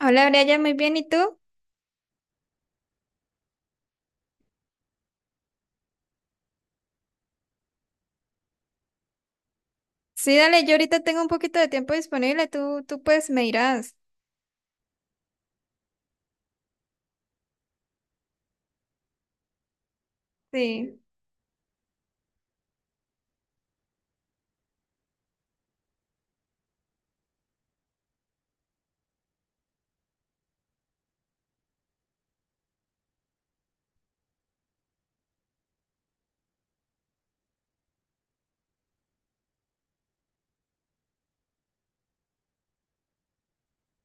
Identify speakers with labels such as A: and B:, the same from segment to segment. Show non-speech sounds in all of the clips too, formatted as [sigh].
A: Hola, Brian, muy bien. ¿Y tú? Sí, dale, yo ahorita tengo un poquito de tiempo disponible. Tú pues me irás. Sí.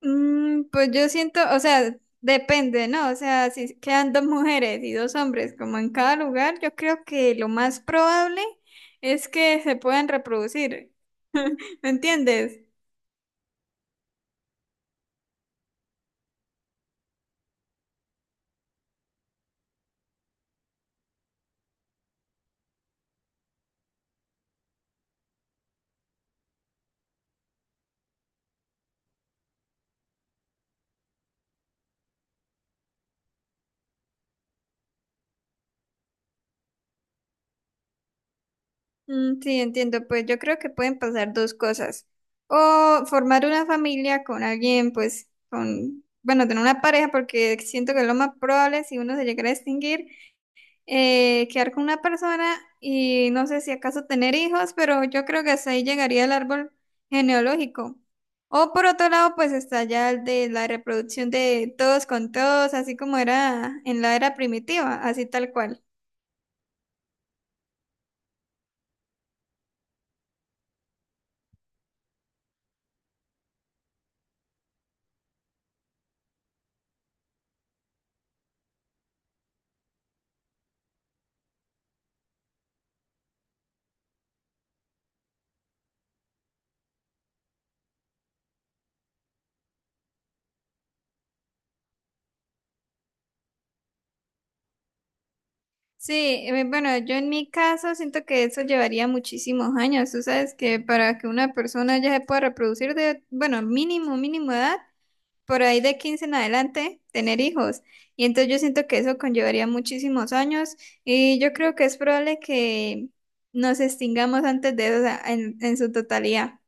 A: Pues yo siento, o sea, depende, ¿no? O sea, si quedan dos mujeres y dos hombres como en cada lugar, yo creo que lo más probable es que se puedan reproducir. [laughs] ¿Me entiendes? Mm, sí, entiendo. Pues yo creo que pueden pasar dos cosas: o formar una familia con alguien, pues, con, bueno, tener una pareja, porque siento que es lo más probable. Si uno se llegara a extinguir, quedar con una persona y no sé si acaso tener hijos, pero yo creo que hasta ahí llegaría el árbol genealógico. O por otro lado, pues está ya el de la reproducción de todos con todos, así como era en la era primitiva, así tal cual. Sí, bueno, yo en mi caso siento que eso llevaría muchísimos años. Tú sabes que para que una persona ya se pueda reproducir, de, bueno, mínimo, mínimo edad, por ahí de 15 en adelante, tener hijos. Y entonces yo siento que eso conllevaría muchísimos años y yo creo que es probable que nos extingamos antes de eso, o sea, en su totalidad.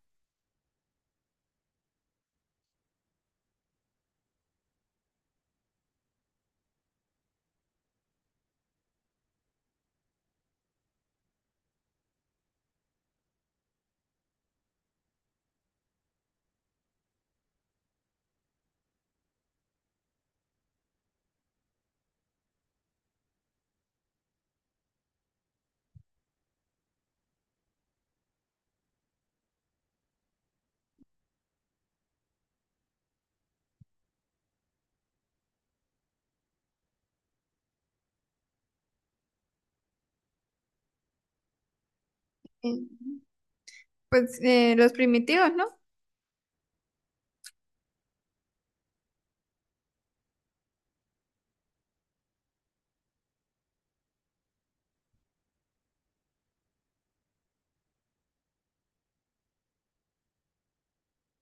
A: Eh, Pues los primitivos, ¿no?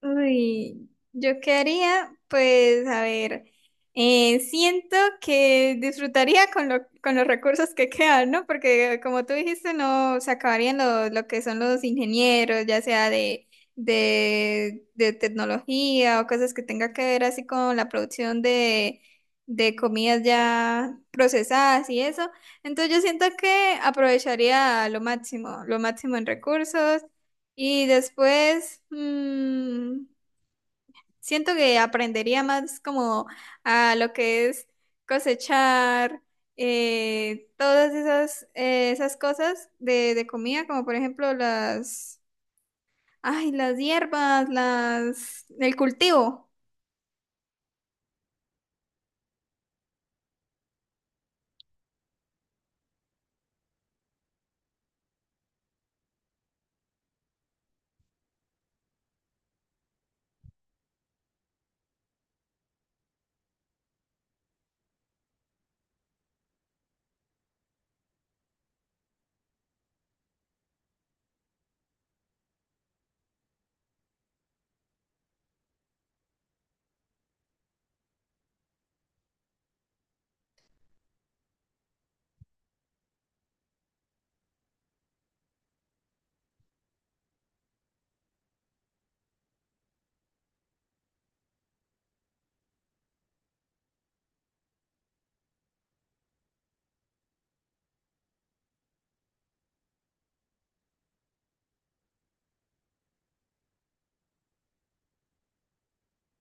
A: Uy, yo qué haría, pues a ver, siento que disfrutaría con, con los recursos que quedan, ¿no? Porque como tú dijiste, no se acabarían lo que son los ingenieros, ya sea de, de tecnología o cosas que tenga que ver así con la producción de comidas ya procesadas y eso. Entonces yo siento que aprovecharía lo máximo en recursos. Y después, siento que aprendería más como a lo que es cosechar, todas esas, esas cosas de comida, como por ejemplo las, ay, las hierbas, las, el cultivo.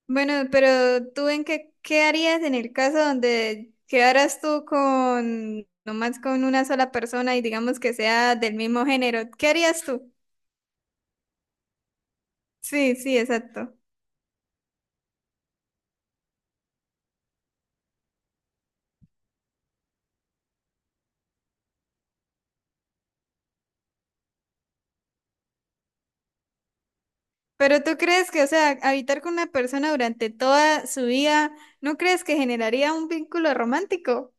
A: Bueno, pero tú en qué, qué harías en el caso donde quedaras tú con, nomás con una sola persona y digamos que sea del mismo género, ¿qué harías tú? Sí, sí, exacto. Pero tú crees que, o sea, habitar con una persona durante toda su vida, ¿no crees que generaría un vínculo romántico?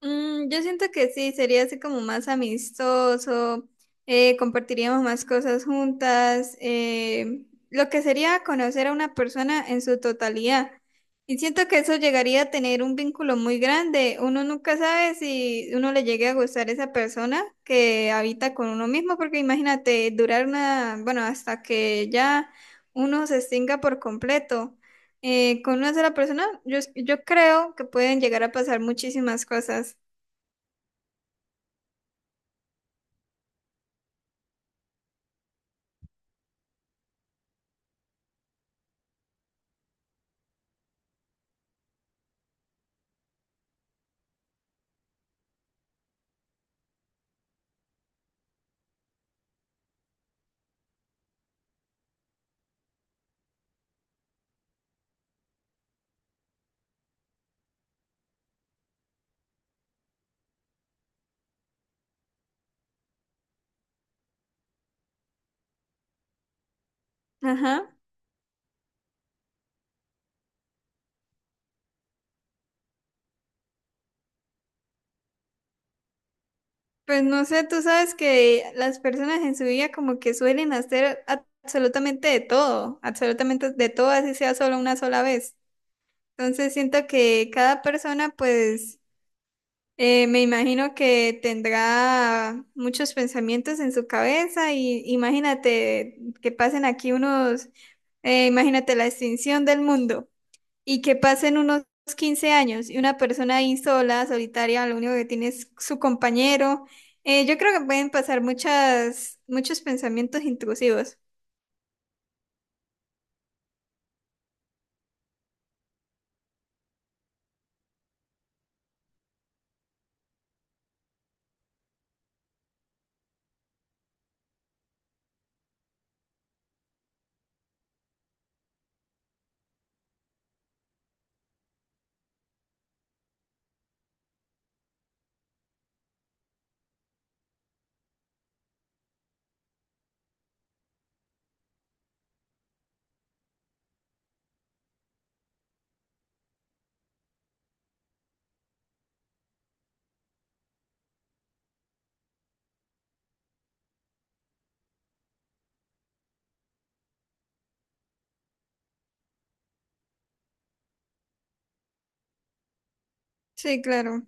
A: Mm, yo siento que sí, sería así como más amistoso, compartiríamos más cosas juntas, lo que sería conocer a una persona en su totalidad. Y siento que eso llegaría a tener un vínculo muy grande. Uno nunca sabe si uno le llegue a gustar esa persona que habita con uno mismo, porque imagínate, durar una, bueno, hasta que ya uno se extinga por completo. Con una sola persona, yo creo que pueden llegar a pasar muchísimas cosas. Ajá. Pues no sé, tú sabes que las personas en su vida como que suelen hacer absolutamente de todo, así sea solo una sola vez. Entonces siento que cada persona pues me imagino que tendrá muchos pensamientos en su cabeza, y imagínate que pasen aquí unos, imagínate la extinción del mundo. Y que pasen unos 15 años y una persona ahí sola, solitaria, lo único que tiene es su compañero. Yo creo que pueden pasar muchos pensamientos intrusivos. Sí, claro.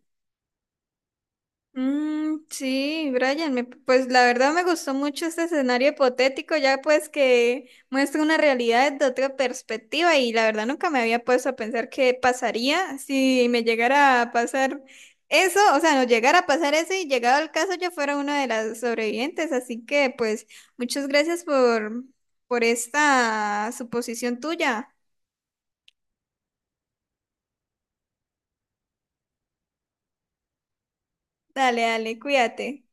A: Mm, sí, Brian, pues la verdad me gustó mucho este escenario hipotético, ya pues que muestra una realidad de otra perspectiva y la verdad nunca me había puesto a pensar qué pasaría si me llegara a pasar eso, o sea, no llegara a pasar eso y llegado el caso yo fuera una de las sobrevivientes, así que pues muchas gracias por esta suposición tuya. Dale, dale, cuídate.